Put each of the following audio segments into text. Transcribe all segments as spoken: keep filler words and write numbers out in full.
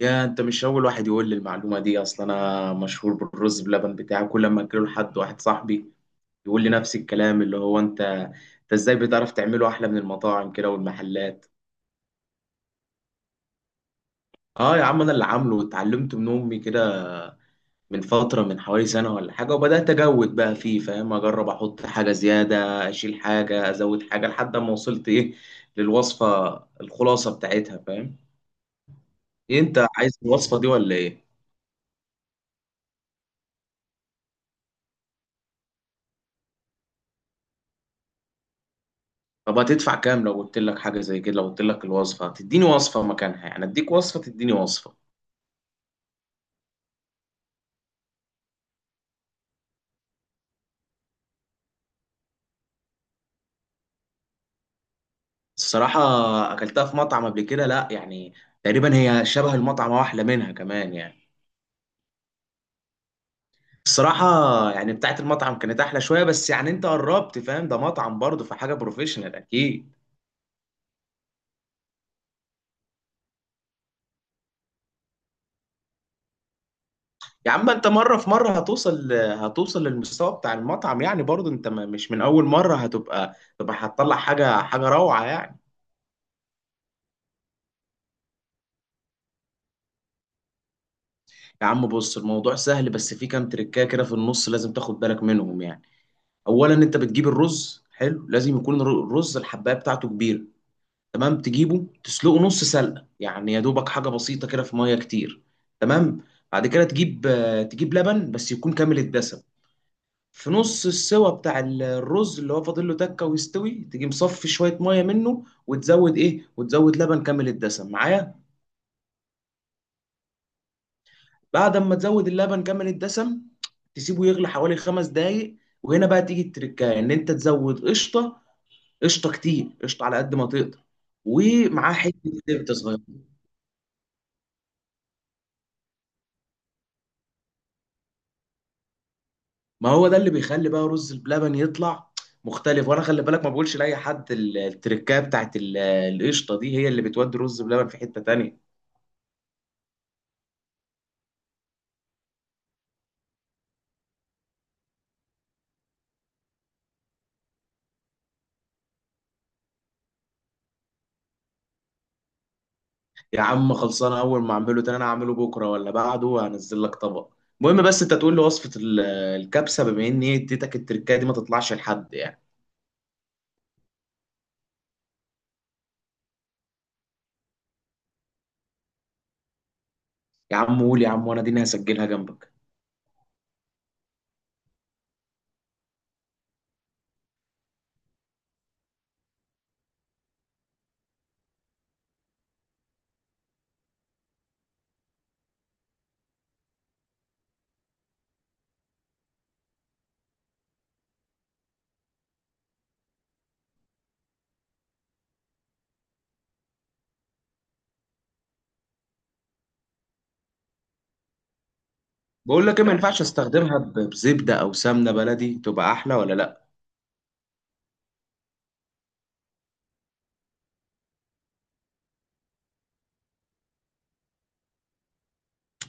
يا انت مش اول واحد يقول لي المعلومه دي اصلا، انا مشهور بالرز بلبن بتاعي. كل ما اكله لحد واحد صاحبي يقول لي نفس الكلام، اللي هو انت انت ازاي بتعرف تعمله احلى من المطاعم كده والمحلات؟ اه يا عم، انا اللي عامله واتعلمت من امي كده. من فتره، من حوالي سنه ولا حاجه، وبدات اجود بقى فيه، فاهم؟ اجرب احط حاجه زياده، اشيل حاجه، ازود حاجه، لحد ما وصلت ايه، للوصفه، الخلاصه بتاعتها، فاهم؟ إيه، انت عايز الوصفه دي ولا ايه؟ طب هتدفع كام لو قلت لك حاجة زي كده؟ لو قلت لك الوصفة، تديني وصفة مكانها. يعني اديك وصفة تديني وصفة. الصراحة، اكلتها في مطعم قبل كده، لا يعني. تقريبا هي شبه المطعم او احلى منها كمان يعني. الصراحة يعني بتاعت المطعم كانت احلى شوية، بس يعني انت قربت، فاهم؟ ده مطعم برضه، فحاجة بروفيشنال اكيد. يا عم انت، مرة في مرة هتوصل هتوصل للمستوى بتاع المطعم يعني. برضه انت ما- مش من اول مرة هتبقى، تبقى هتطلع حاجة حاجة روعة يعني. يا عم بص، الموضوع سهل، بس في كام تريكايه كده في النص لازم تاخد بالك منهم يعني. اولا، انت بتجيب الرز حلو، لازم يكون الر- الرز الحبايه بتاعته كبيره. تمام. تجيبه تسلقه نص سلقه، يعني يا دوبك حاجه بسيطه كده في ميه كتير. تمام. بعد كده تجيب آه، تجيب لبن بس يكون كامل الدسم. في نص السوا بتاع ال- الرز، اللي هو فاضل له تكه ويستوي، تيجي مصفي شويه ميه منه وتزود ايه، وتزود لبن كامل الدسم. معايا؟ بعد ما تزود اللبن كمان الدسم، تسيبه يغلي حوالي خمس دقايق. وهنا بقى تيجي التركايه، ان انت تزود قشطه. قشطه كتير، قشطه على قد ما تقدر. ومعاه حته زبده صغيره. ما هو ده اللي بيخلي بقى رز بلبن يطلع مختلف. وانا خلي بالك، ما بقولش لاي حد. ال- التركايه بتاعت ال- القشطه دي هي اللي بتودي رز بلبن في حته تانية. يا عم خلصانه، اول ما اعمله تاني انا هعمله بكره ولا بعده وهنزل لك طبق. المهم بس انت تقول لي وصفه ال- الكبسه، بما ان هي اديتك التركايه دي، ما تطلعش لحد يعني. يا عم قول يا عم، وانا دي هسجلها جنبك. بقول لك ايه، ما ينفعش استخدمها ب- بزبده او سمنه بلدي؟ تبقى احلى ولا لا؟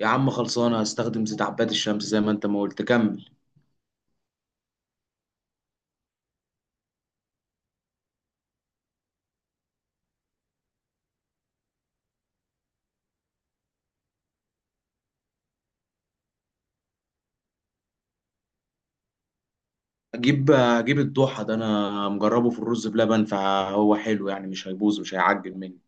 يا عم خلصانه، هستخدم زيت عباد الشمس زي ما انت ما قلت. كمل. اجيب اجيب الضحى، ده انا مجربه في الرز بلبن فهو حلو يعني، مش هيبوظ، مش هيعجن مني.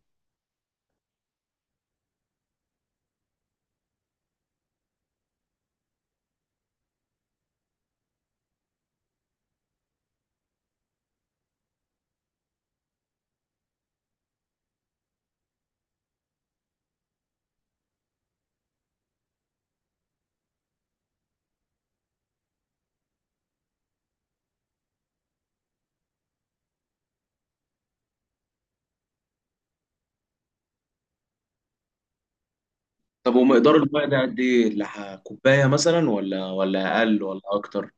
طب ومقدار الماء ده قد ايه اللي ه- كوبايه مثلا، ولا ولا اقل ولا اكتر؟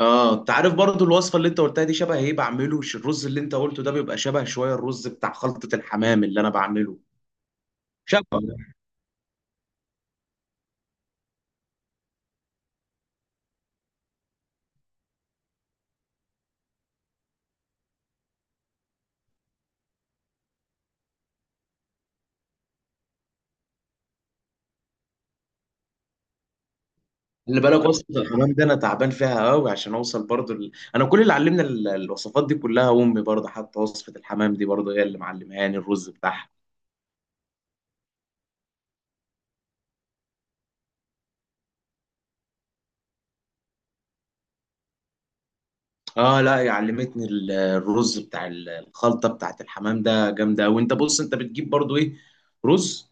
اه انت عارف برضو الوصفه اللي انت قلتها دي شبه ايه؟ بعمله، الرز اللي انت قلته ده بيبقى شبه شويه الرز بتاع خلطه الحمام اللي انا بعمله. شبه. اللي بالك، وصفة الحمام ده انا تعبان فيها قوي عشان اوصل برضو. ال... انا كل اللي علمنا ال- الوصفات دي كلها امي، برضو حتى وصفة الحمام دي برضو هي اللي معلمهاني الرز بتاعها. اه، لا علمتني ال- الرز بتاع ال- الخلطه بتاعت الحمام ده جامده. وانت بص، انت بتجيب برضو ايه؟ رز.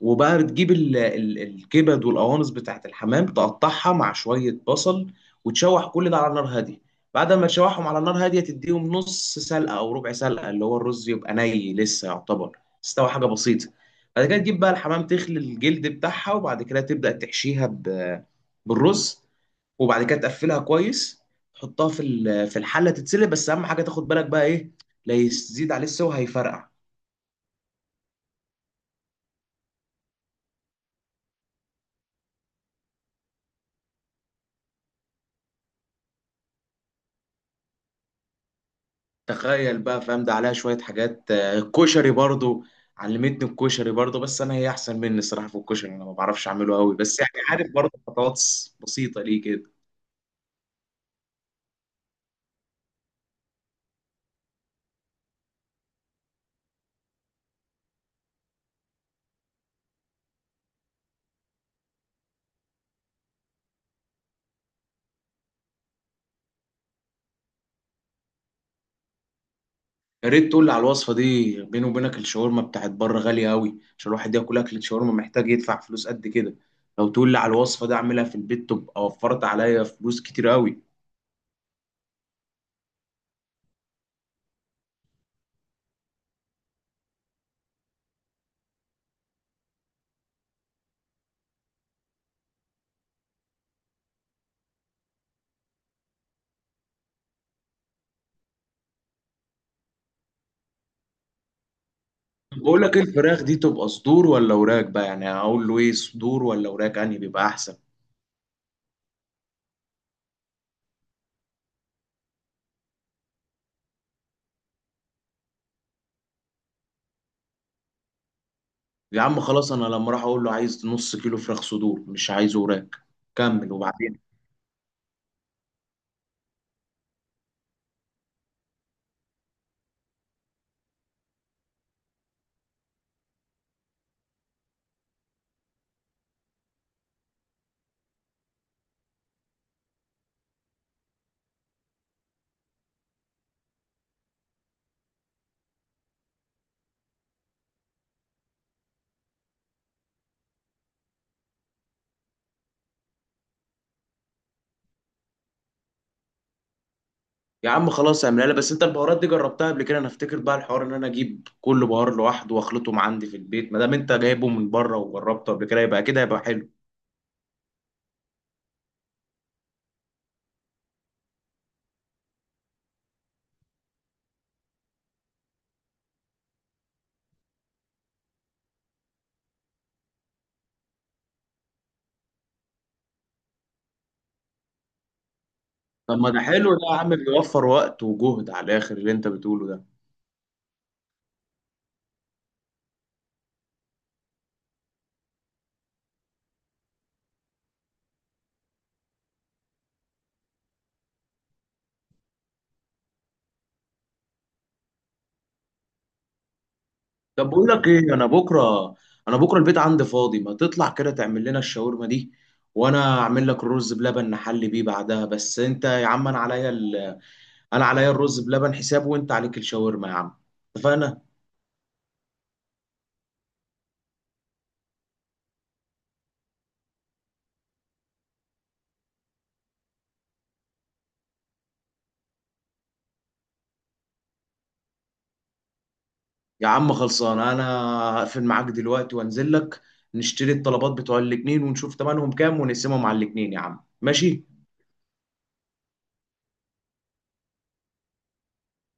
وبقى بتجيب ال- ال- الكبد والقوانص بتاعت الحمام، تقطعها مع شويه بصل. وتشوح كل ده على نار هاديه. بعد ما تشوحهم على نار هاديه، تديهم نص سلقه او ربع سلقه، اللي هو الرز يبقى ني لسه يعتبر، استوى حاجه بسيطه. بعد كده تجيب بقى الحمام، تخلي الجلد بتاعها، وبعد كده تبدا تحشيها ب- بالرز. وبعد كده تقفلها كويس، تحطها في ال- في الحله تتسلق. بس اهم حاجه، تاخد بالك بقى، ايه؟ لا يزيد عليه السوا، هيفرقع. تخيل بقى، فاهم؟ ده عليها شويه حاجات. آه، الكشري برضو علمتني الكشري برضو، بس انا هي احسن مني الصراحه في الكشري. انا ما بعرفش اعمله قوي، بس يعني عارف برضو خطوات بسيطه، ليه كده. يا ريت تقول لي على الوصفه دي، بيني وبينك الشاورما بتاعت بره غاليه قوي، عشان الواحد ياكل اكل شاورما محتاج يدفع فلوس قد كده. لو تقول لي على الوصفه دي اعملها في البيت، تبقى وفرت عليا فلوس كتير قوي. بقول لك، الفراخ دي تبقى صدور ولا وراك بقى؟ يعني اقول له ايه، صدور ولا وراك، انهي بيبقى احسن؟ يا عم خلاص، انا لما راح اقول له عايز نص كيلو فراخ صدور، مش عايز وراك. كمل وبعدين. يا عم خلاص اعملها لي، بس انت البهارات دي جربتها قبل كده؟ انا افتكر بقى الحوار ان انا اجيب كل بهار لوحده واخلطهم عندي في البيت. ما دام انت جايبه من بره وجربته قبل كده، يبقى كده هيبقى حلو. طب ما ده حلو ده يا عم، بيوفر وقت وجهد على الاخر اللي انت بتقوله ده. طب بقول لك ايه، انا بكره انا بكره البيت عندي فاضي، ما تطلع كده تعمل لنا الشاورما دي، وانا اعمل لك الرز بلبن نحلي بيه بعدها. بس انت يا عم انا عليا ال... انا عليا الرز بلبن حساب، وانت عليك الشاورما يا عم، اتفقنا؟ يا عم خلصان، انا هقفل معاك دلوقتي وانزل لك، نشتري الطلبات بتوع الاتنين ونشوف تمنهم كام ونقسمهم على الاتنين. يا عم ماشي.